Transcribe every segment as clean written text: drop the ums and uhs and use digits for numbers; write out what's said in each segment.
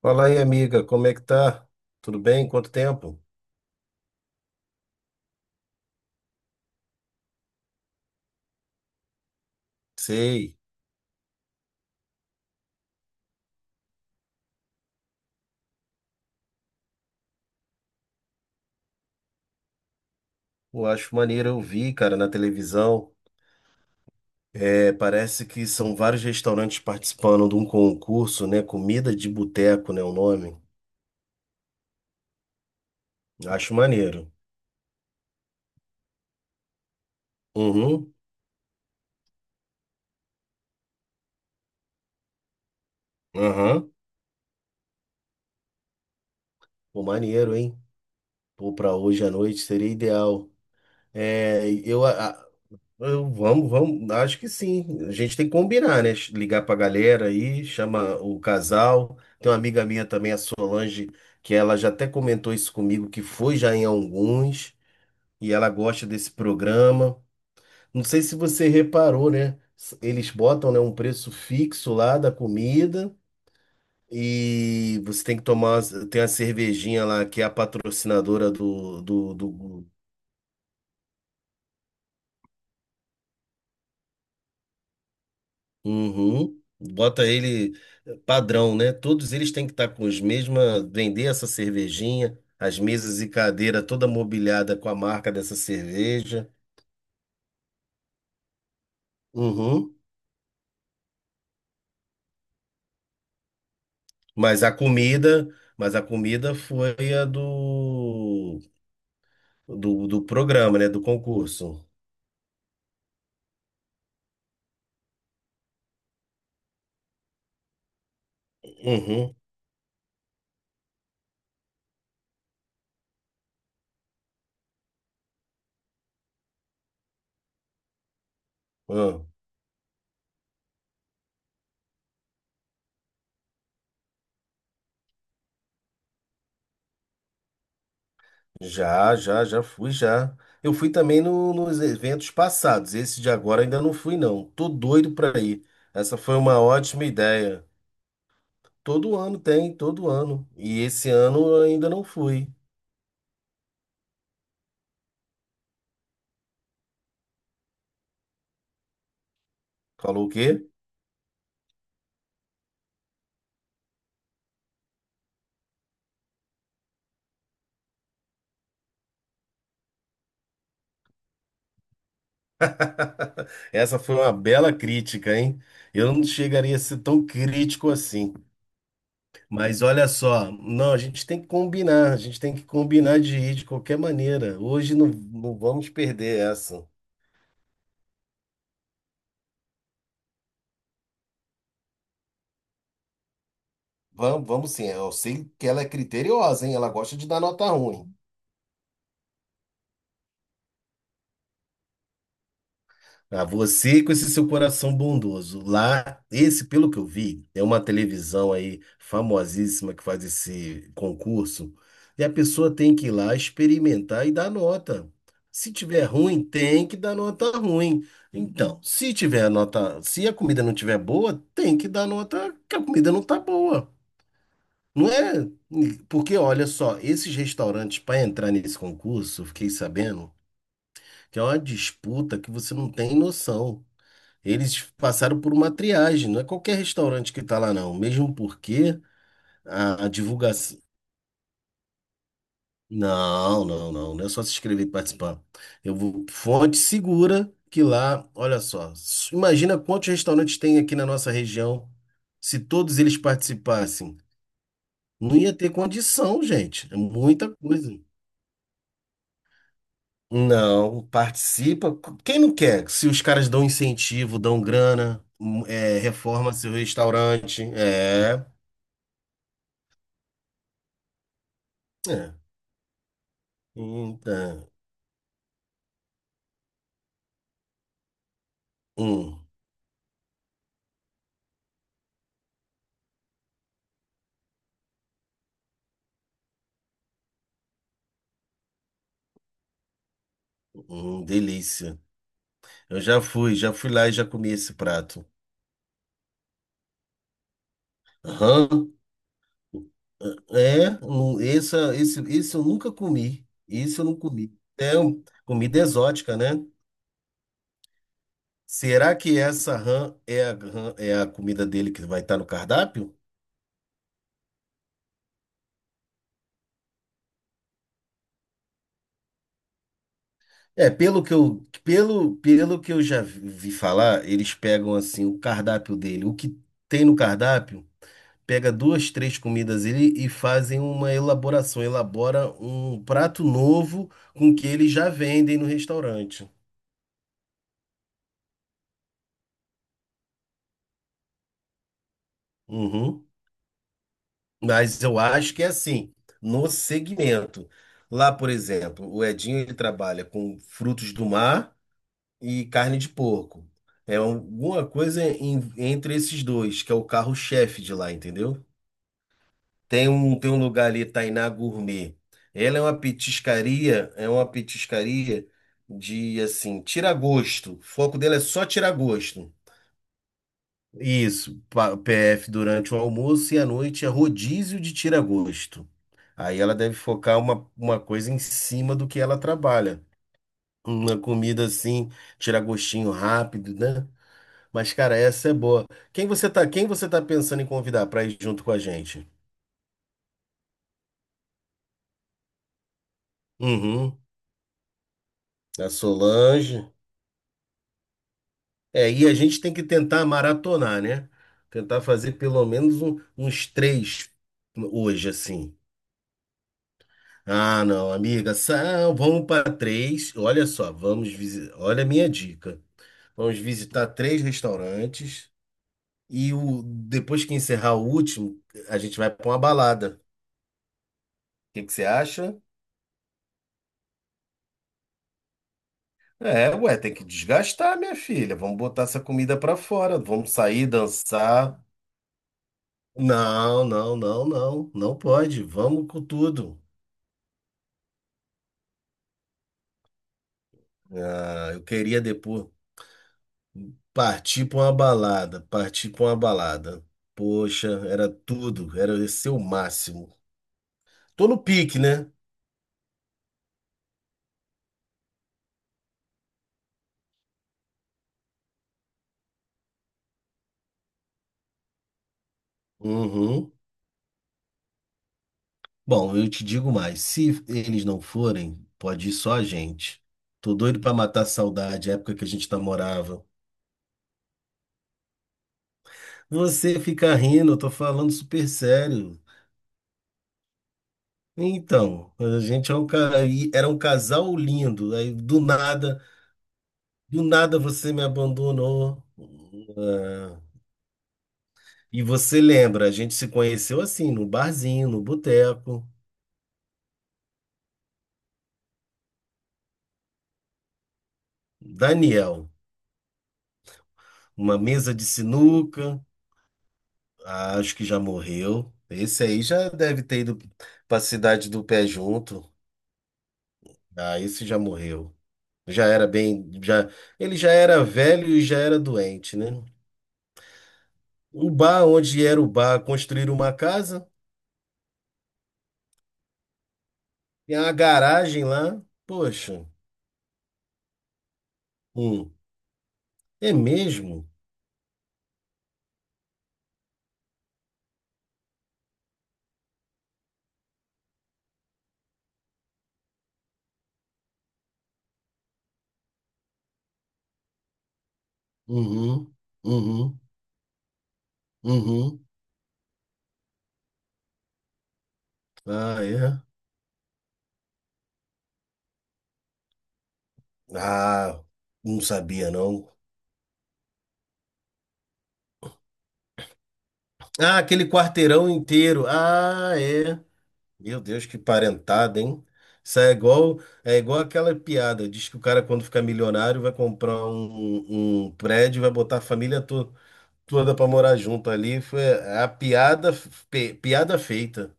Fala aí, amiga, como é que tá? Tudo bem? Quanto tempo? Sei. Eu acho maneiro, eu vi, cara, na televisão. É, parece que são vários restaurantes participando de um concurso, né? Comida de boteco, né? O nome. Acho maneiro. Uhum. Aham. Pô, maneiro, hein? Pô, pra hoje à noite seria ideal. É, eu, a- Vamos, vamos, acho que sim. A gente tem que combinar, né? Ligar pra galera aí, chama o casal. Tem uma amiga minha também, a Solange, que ela já até comentou isso comigo, que foi já em alguns, e ela gosta desse programa. Não sei se você reparou, né? Eles botam, né, um preço fixo lá da comida e você tem que tomar, tem a cervejinha lá que é a patrocinadora do Uhum. Bota ele padrão, né? Todos eles têm que estar com os mesmos, vender essa cervejinha, as mesas e cadeira toda mobiliada com a marca dessa cerveja. Uhum. Mas a comida, mas a comida foi a do programa, né? Do concurso. Uhum. Ah, já fui, já. Eu fui também nos eventos passados. Esse de agora ainda não fui, não. Tô doido pra ir. Essa foi uma ótima ideia. Todo ano tem, todo ano. E esse ano eu ainda não fui. Falou o quê? Essa foi uma bela crítica, hein? Eu não chegaria a ser tão crítico assim. Mas olha só, não, a gente tem que combinar, a gente tem que combinar de ir de qualquer maneira. Hoje não, não vamos perder essa. Vamos, vamos sim. Eu sei que ela é criteriosa, hein? Ela gosta de dar nota ruim. Ah, você com esse seu coração bondoso. Lá, esse, pelo que eu vi, é uma televisão aí famosíssima que faz esse concurso. E a pessoa tem que ir lá experimentar e dar nota. Se tiver ruim, tem que dar nota ruim. Então, se tiver nota, se a comida não tiver boa, tem que dar nota que a comida não tá boa. Não é? Porque olha só, esses restaurantes para entrar nesse concurso, eu fiquei sabendo que é uma disputa que você não tem noção. Eles passaram por uma triagem, não é qualquer restaurante que está lá, não. Mesmo porque a divulgação. Não, não, não. Não é só se inscrever e participar. Eu vou. Fonte segura que lá, olha só. Imagina quantos restaurantes tem aqui na nossa região. Se todos eles participassem, não ia ter condição, gente. É muita coisa. Não, participa. Quem não quer? Se os caras dão incentivo, dão grana, é, reforma seu restaurante. É. É. Eita, hum, delícia. Eu já fui lá e já comi esse prato. Aham. Esse eu nunca comi. Isso eu não comi. É comida exótica, né? Será que essa rã é é a comida dele que vai estar no cardápio? É, pelo que pelo que eu já vi falar, eles pegam assim o cardápio dele, o que tem no cardápio. Pega duas, três comidas ele e fazem uma elaboração, elabora um prato novo com que eles já vendem no restaurante. Uhum. Mas eu acho que é assim, no segmento. Lá, por exemplo, o Edinho ele trabalha com frutos do mar e carne de porco. É alguma coisa entre esses dois, que é o carro-chefe de lá, entendeu? Tem um lugar ali, Tainá Gourmet. Ela é uma petiscaria de, assim, tira gosto. O foco dela é só tirar gosto. Isso, PF durante o almoço e à noite é rodízio de tira gosto. Aí ela deve focar uma coisa em cima do que ela trabalha. Uma comida assim, tira gostinho rápido, né? Mas, cara, essa é boa. Quem você tá pensando em convidar para ir junto com a gente? Uhum. A Solange. É, e a gente tem que tentar maratonar, né? Tentar fazer pelo menos uns três hoje, assim. Ah, não, amiga, vamos para três. Olha só, vamos visitar. Olha a minha dica. Vamos visitar três restaurantes e depois que encerrar o último, a gente vai para uma balada. O que que você acha? É, ué, tem que desgastar, minha filha. Vamos botar essa comida para fora. Vamos sair, dançar. Não, não, não, não. Não pode. Vamos com tudo. Ah, eu queria depois partir pra uma balada, partir pra uma balada. Poxa, era tudo, era esse o máximo. Tô no pique, né? Uhum. Bom, eu te digo mais, se eles não forem, pode ir só a gente. Tô doido pra matar a saudade, a época que a gente namorava. Você fica rindo, eu tô falando super sério. Então, a gente é era um casal lindo, aí do nada você me abandonou. Ah, e você lembra, a gente se conheceu assim, no barzinho, no boteco. Daniel, uma mesa de sinuca. Ah, acho que já morreu. Esse aí já deve ter ido para a cidade do pé junto. Ah, esse já morreu. Já era bem, já, ele já era velho e já era doente, né? O bar onde era o bar, construíram uma casa, tem uma garagem lá. Poxa, hum, é mesmo? Uhum, uhum, uhum. Ah, é. Ah, não sabia não. Ah, aquele quarteirão inteiro. Ah, é. Meu Deus, que parentada, hein? Isso é igual, é igual aquela piada. Diz que o cara, quando ficar milionário, vai comprar um prédio e vai botar a toda pra morar junto ali. Foi a piada, piada feita.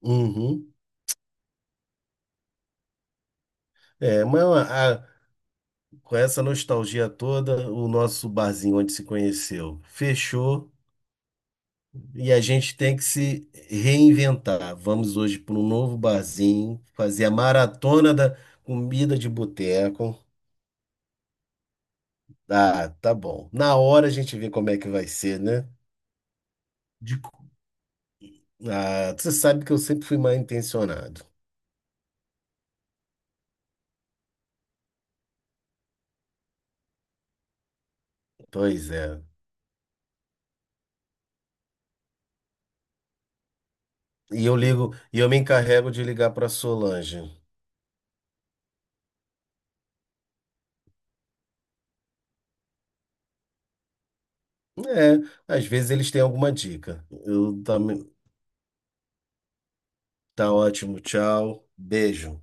Uhum. É, mas com essa nostalgia toda, o nosso barzinho onde se conheceu fechou. E a gente tem que se reinventar. Vamos hoje para um novo barzinho, fazer a maratona da comida de boteco. Ah, tá bom. Na hora a gente vê como é que vai ser, né? De- Ah, você sabe que eu sempre fui mal intencionado. Pois é. E eu ligo, e eu me encarrego de ligar para Solange. É, às vezes eles têm alguma dica. Eu também. Tá ótimo, tchau. Beijo.